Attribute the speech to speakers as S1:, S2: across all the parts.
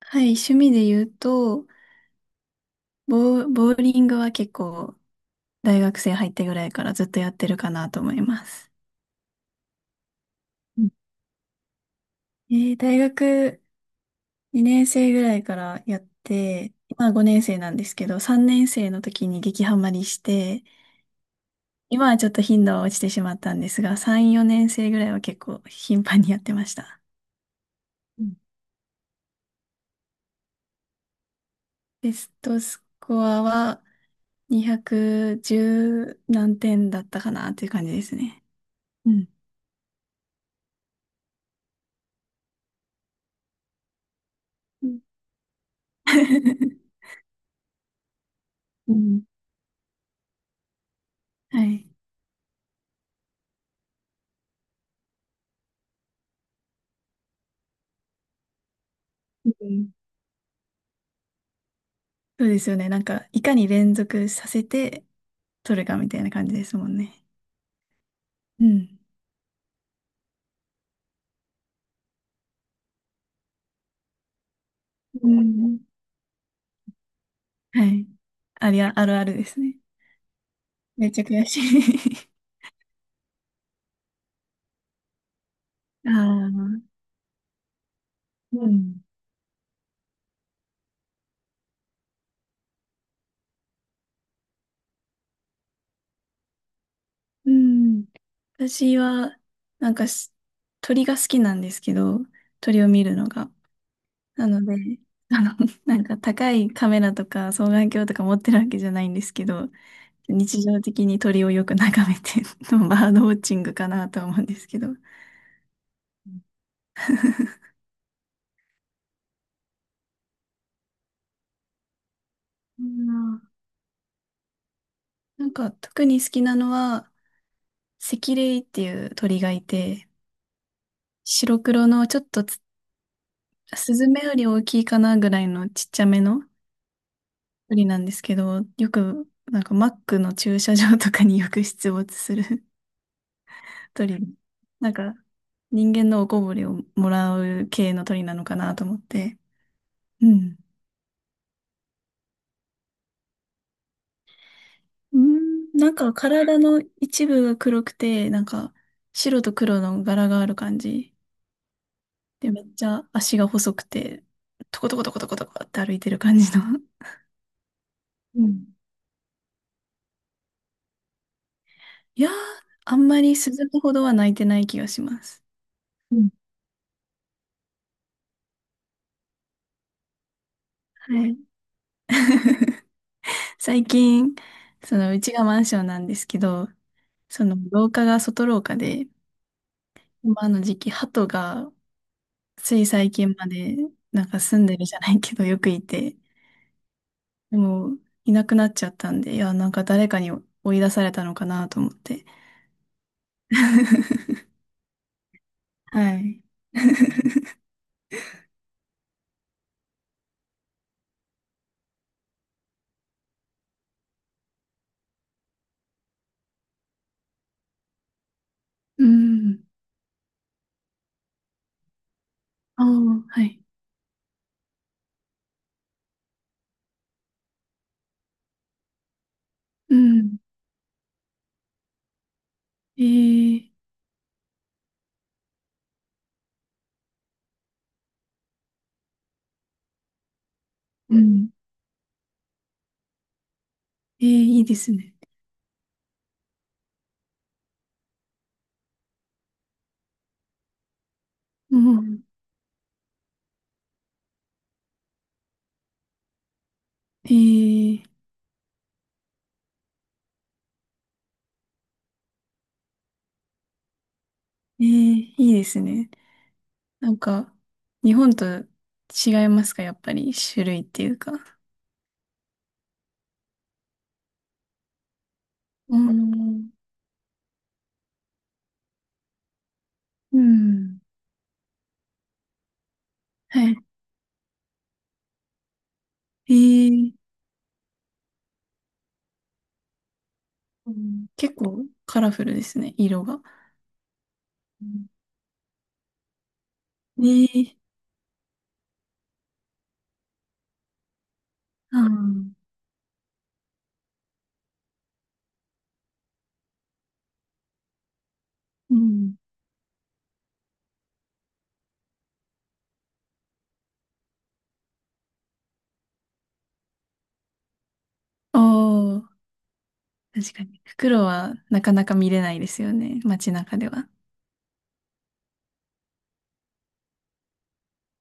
S1: はい、趣味で言うと、ボーボーリングは結構大学生入ってぐらいからずっとやってるかなと思います。うん。大学2年生ぐらいからやって、今5年生なんですけど、3年生の時に激ハマりして、今はちょっと頻度は落ちてしまったんですが、3、4年生ぐらいは結構頻繁にやってました。うん。ベストスコアは210何点だったかなっていう感じですね。うん。うん。 うん。はい。うん。そうですよね。なんか、いかに連続させて取るかみたいな感じですもんね。うん。うん。はい。ありゃ、あるあるですね。めっちゃ悔しい。 ああ、うん。うん。私は、なんか、鳥が好きなんですけど、鳥を見るのが。なので、あの、なんか高いカメラとか双眼鏡とか持ってるわけじゃないんですけど、日常的に鳥をよく眺めて、 バードウォッチングかなとは思うんですけど。うん。なんか特に好きなのは、セキレイっていう鳥がいて、白黒のちょっと、スズメより大きいかなぐらいのちっちゃめの鳥なんですけど、よくなんかマックの駐車場とかによく出没する 鳥。なんか人間のおこぼれをもらう系の鳥なのかなと思って。うん。うん、なんか体の一部が黒くて、なんか白と黒の柄がある感じ。で、めっちゃ足が細くて、トコトコトコトコトコって歩いてる感じの。うん。いやー、あんまり鈴鹿ほどは泣いてない気がします。うん。はい。最近、その、うちがマンションなんですけど、その、廊下が外廊下で、今の時期、鳩が、つい最近まで、なんか住んでるじゃないけど、よくいて、でも、いなくなっちゃったんで、いや、なんか誰かに追い出されたのかなと思って。はい。うん。ああ、はい。うん。えー、うん。えー、いいですね。うん。えー、えー、いいですね。なんか、日本と違いますか、やっぱり、種類っていうか。うん。うん。はい。えー、うん、結構カラフルですね、色が。うん。えー、あー、うん。おー、確かに。袋はなかなか見れないですよね、街中では。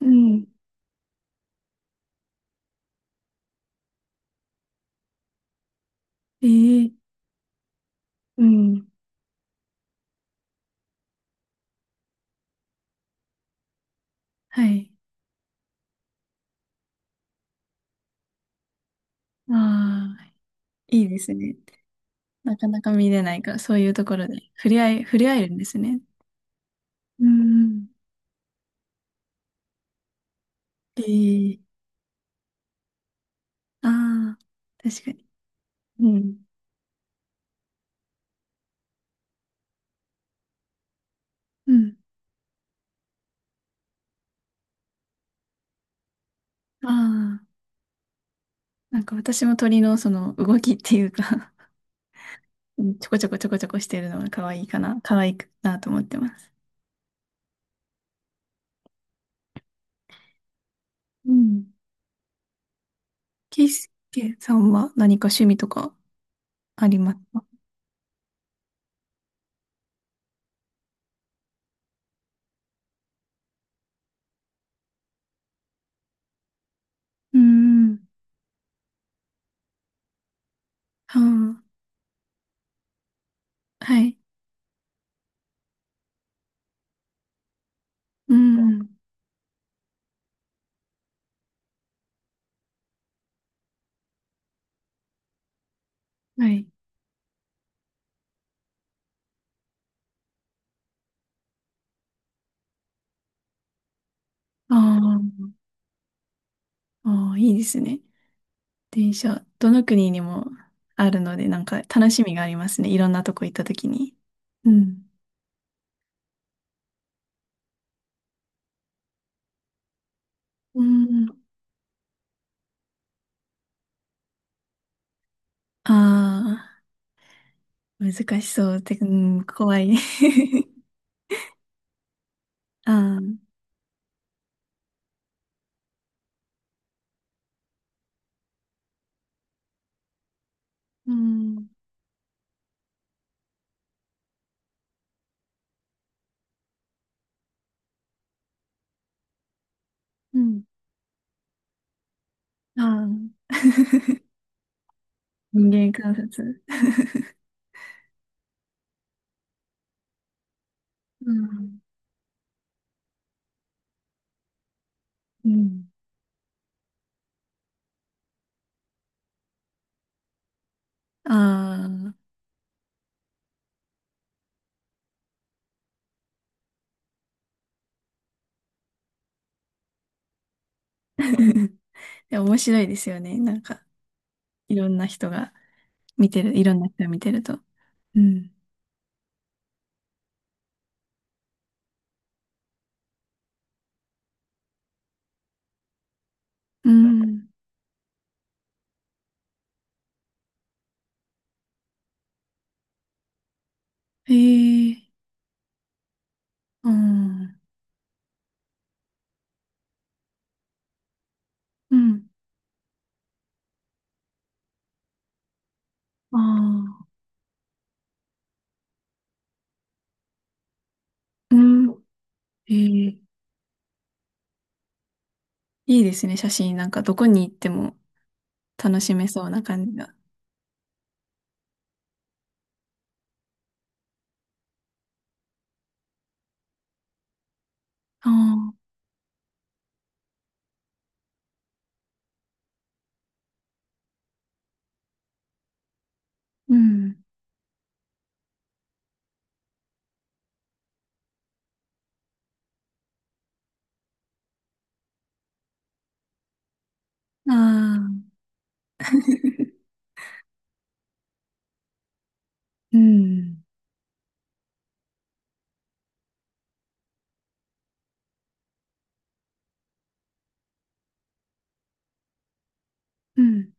S1: うん。えー、うん。はい。ああ、いいですね。なかなか見れないから、そういうところで触れ合い、触れ合えるんですね。うん。ええ、ああ、確かに。うん。うん。ああ、なんか私も鳥のその動きっていうか、うん、 ちょこちょこちょこちょこしてるのが可愛いかな、可愛くなと思ってます。うん。ケイスケさんは何か趣味とかありますか？うん。はあ、はい。うん。はい。ああ、ああ、いいですね。電車、どの国にもあるので、なんか楽しみがありますね。いろんなとこ行った時に。うん。うん。ああ、難しそうって、うん、怖い。ああ、うん。うん。ああ、人間観察。うん。うん。ああ。でも面白いですよね。なんか、いろんな人が見てる、いろんな人を見てると。うん。うん。へえ。うん。うん。ああ。うん。ええ、いいですね、写真。なんか、どこに行っても楽しめそうな感じが。ああ、うん。ああ、うん。うん。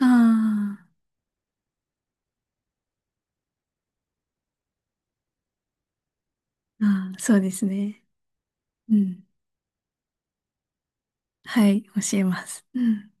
S1: ああ、ああ、そうですね。うん。はい、教えます。うん。